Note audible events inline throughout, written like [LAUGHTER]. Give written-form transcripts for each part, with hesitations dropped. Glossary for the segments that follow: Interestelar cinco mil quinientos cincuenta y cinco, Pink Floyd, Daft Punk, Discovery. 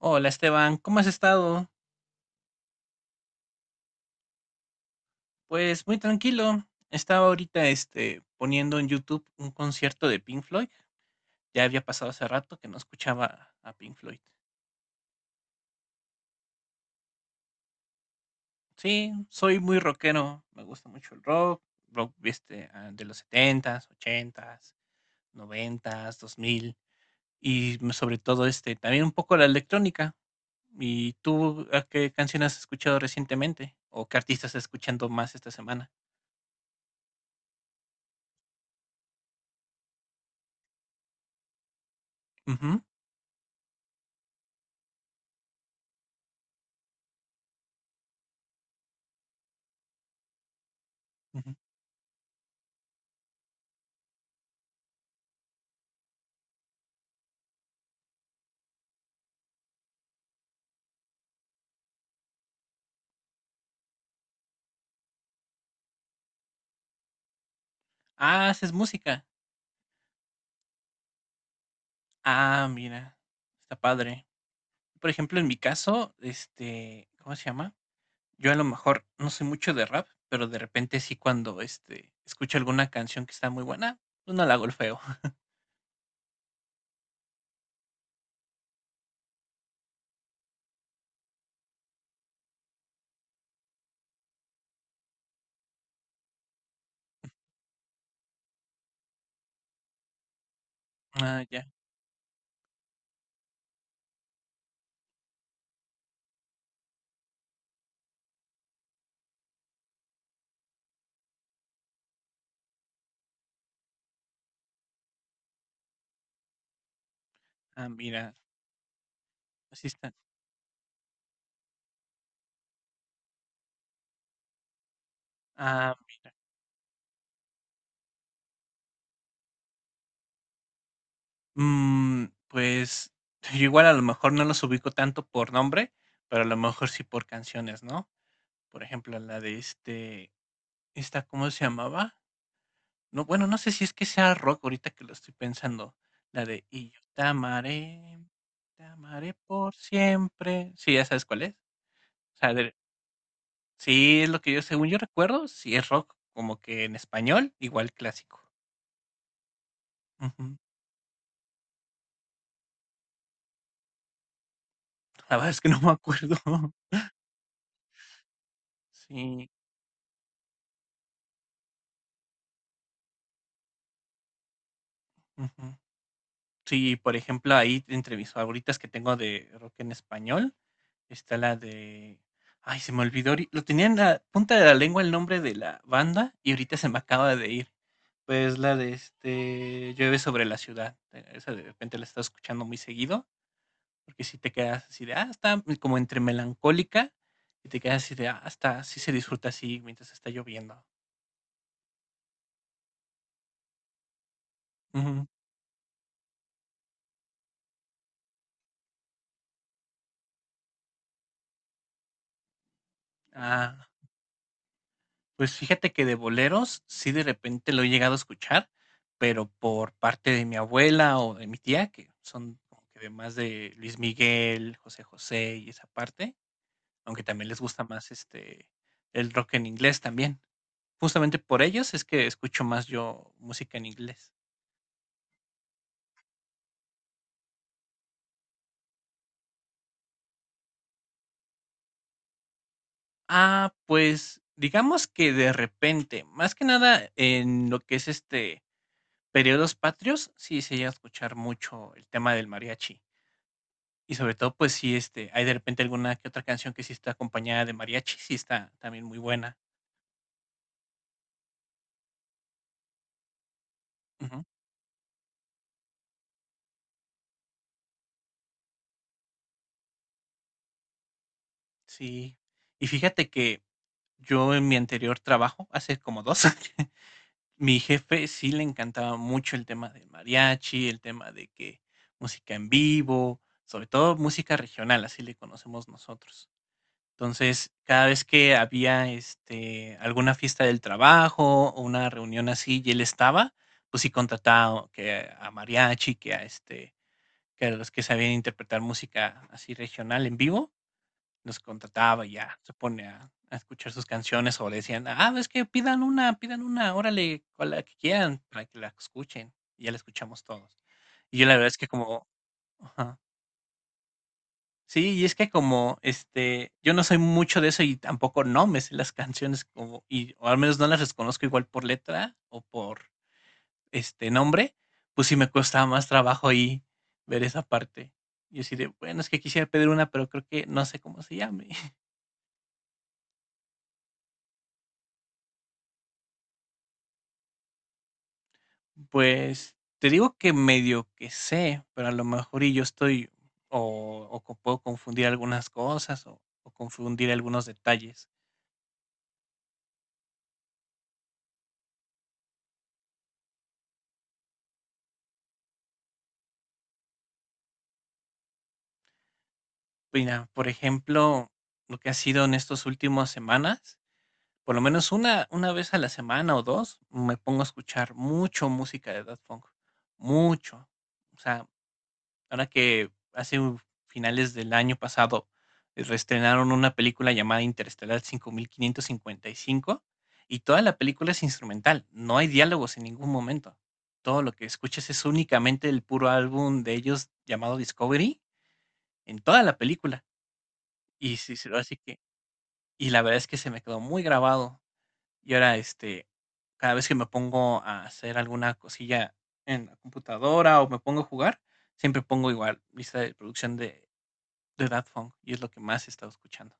Hola Esteban, ¿cómo has estado? Pues muy tranquilo. Estaba ahorita poniendo en YouTube un concierto de Pink Floyd. Ya había pasado hace rato que no escuchaba a Pink Floyd. Sí, soy muy rockero. Me gusta mucho el rock, rock de los setentas, ochentas, noventas, 2000 sobre todo también un poco la electrónica. ¿Y tú a qué canciones has escuchado recientemente? ¿O qué artistas estás escuchando más esta semana? Ujú, ujú. Ah, haces música. Ah, mira, está padre. Por ejemplo, en mi caso, ¿cómo se llama? Yo a lo mejor no soy mucho de rap, pero de repente sí cuando, escucho alguna canción que está muy buena, pues no la golfeo. [LAUGHS] Ah, ya. Ah, mira, así está. Ah, pues [LAUGHS] yo igual a lo mejor no los ubico tanto por nombre, pero a lo mejor sí por canciones, ¿no? Por ejemplo, la de esta, ¿cómo se llamaba? No, bueno, no sé si es que sea rock ahorita que lo estoy pensando. La de "Y yo te amaré por siempre". Sí, ¿ya sabes cuál es? O sea, sí es lo que yo, según yo recuerdo, sí es rock, como que en español, igual clásico. Ujú. La verdad es que no me acuerdo. [LAUGHS] Sí, ujú. Sí, por ejemplo, ahí entre mis favoritas que tengo de rock en español, está la de... Ay, se me olvidó, lo tenía en la punta de la lengua el nombre de la banda y ahorita se me acaba de ir. Pues la de "Llueve sobre la ciudad". Esa de repente la estás escuchando muy seguido, porque si te quedas así de, ah, está como entre melancólica y te quedas así de, ah, está, sí se disfruta así mientras está lloviendo. Ujú. Ah. Pues fíjate que de boleros sí de repente lo he llegado a escuchar, pero por parte de mi abuela o de mi tía, que son como que de más de Luis Miguel, José José y esa parte, aunque también les gusta más el rock en inglés también. Justamente por ellos es que escucho más yo música en inglés. Ah, pues digamos que de repente, más que nada en lo que es periodos patrios, sí se llega a escuchar mucho el tema del mariachi. Y sobre todo, pues sí, hay de repente alguna que otra canción que sí está acompañada de mariachi, sí está también muy buena. Ujú, sí. Y fíjate que yo en mi anterior trabajo, hace como 2 [LAUGHS] mi jefe sí le encantaba mucho el tema del mariachi, el tema de que música en vivo, sobre todo música regional, así le conocemos nosotros. Entonces, cada vez que había, alguna fiesta del trabajo o una reunión así y él estaba, pues sí contrataba que a mariachi, que a, que a los que sabían interpretar música así regional en vivo, los contrataba y ya se pone a escuchar sus canciones o le decían: "Ah, es que pidan una, órale, con la que quieran, para que la escuchen", y ya la escuchamos todos. Y yo la verdad es que como ajá. Sí, y es que como, yo no soy mucho de eso y tampoco no me sé las canciones como, y, o al menos no las reconozco igual por letra o por nombre, pues sí me cuesta más trabajo ahí ver esa parte. Y así de, bueno, es que quisiera pedir una, pero creo que no sé cómo se llame. [LAUGHS] Pues te digo que medio que sé, pero a lo mejor y yo estoy, puedo confundir algunas cosas o confundir algunos detalles. Mira, por ejemplo, lo que ha sido en estos últimos semanas, por lo menos una vez a la semana o 2, me pongo a escuchar mucho música de Daft Punk, mucho. O sea, ahora que hace u finales del año pasado, reestrenaron una película llamada Interestelar 5555 y toda la película es instrumental, no hay diálogos en ningún momento. Todo lo que escuchas es únicamente el puro álbum de ellos llamado Discovery en toda la película. Y sí, sí, así que y la verdad es que se me quedó muy grabado. Y ahora, cada vez que me pongo a hacer alguna cosilla en la computadora o me pongo a jugar, siempre pongo igual lista de producción de Daft Punk y es lo que más he estado escuchando.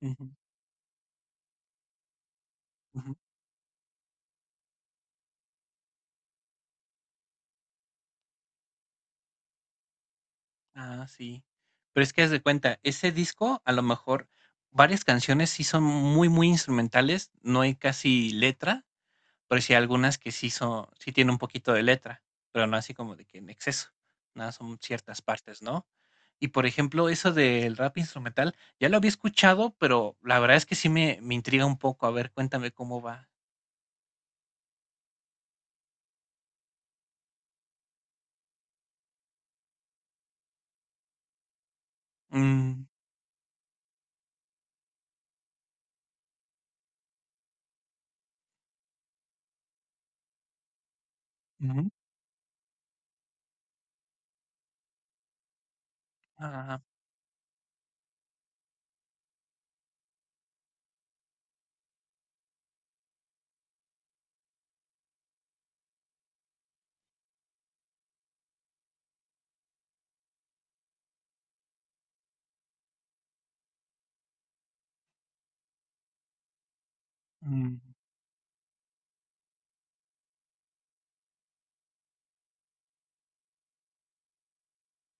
Ujú, ujú. Ah, sí. Pero es que haz de cuenta, ese disco a lo mejor varias canciones sí son muy, muy instrumentales, no hay casi letra, pero sí hay algunas que sí son, sí tienen un poquito de letra, pero no así como de que en exceso, nada, son ciertas partes, ¿no? Y por ejemplo, eso del rap instrumental, ya lo había escuchado, pero la verdad es que sí me intriga un poco. A ver, cuéntame cómo va. Mm, ujú, ah, mm,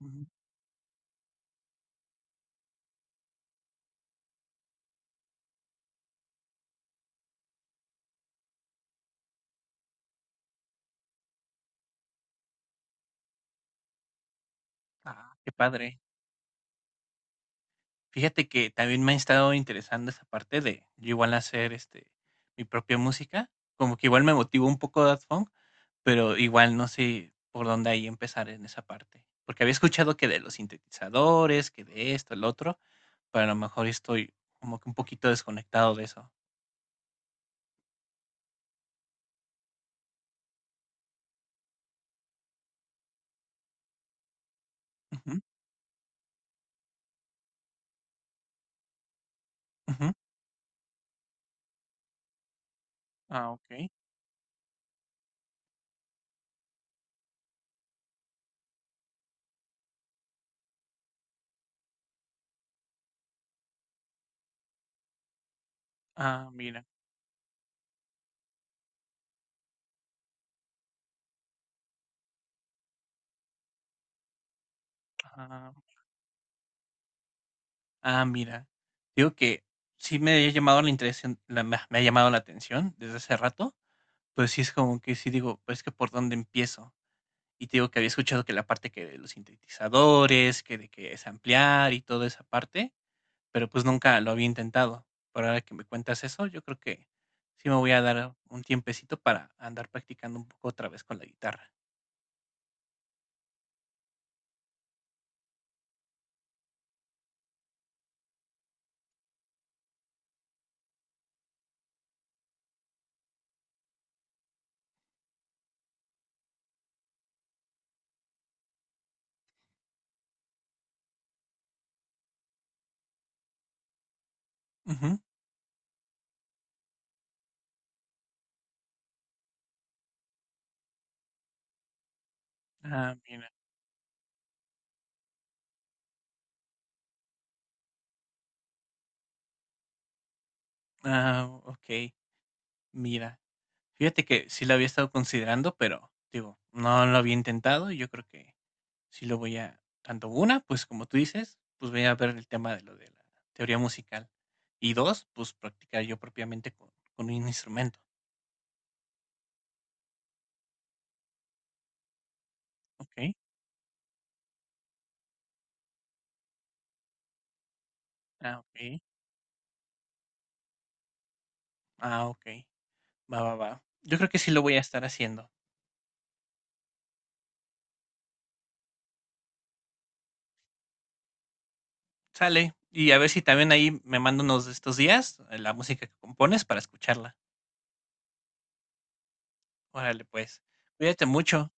ujú. Ah, qué padre. Fíjate que también me ha estado interesando esa parte de yo igual hacer mi propia música, como que igual me motivó un poco Daft Punk. Pero igual no sé por dónde ahí empezar en esa parte, porque había escuchado que de los sintetizadores, que de esto, el otro, pero a lo mejor estoy como que un poquito desconectado de eso. Ujú, ujú. Ah, okey. Ah, mira. Ah, ah, mira. Digo que sí me ha llamado la atención desde hace rato, pero sí es como que sí digo, pues, que, ¿por dónde empiezo? Y te digo que había escuchado que la parte que de los sintetizadores, que de que es ampliar y toda esa parte, pero, pues, nunca lo había intentado. Pero ahora que me cuentas eso, yo creo que sí me voy a dar un tiempecito para andar practicando un poco otra vez con la guitarra. Ujú. Ah, mira. Ah, ok, mira. Fíjate que sí lo había estado considerando, pero, digo, no lo había intentado, y yo creo que sí lo voy a tanto una, pues, como tú dices, pues, voy a ver el tema de lo de la teoría musical. Y 2 pues, practicar yo propiamente con un instrumento. Ok. Ah, ok. Ah, ok. Va, va, va. Yo creo que sí lo voy a estar haciendo. Sale. Y a ver si también ahí me mando unos de estos días la música que compones para escucharla. Órale, pues. Cuídate mucho.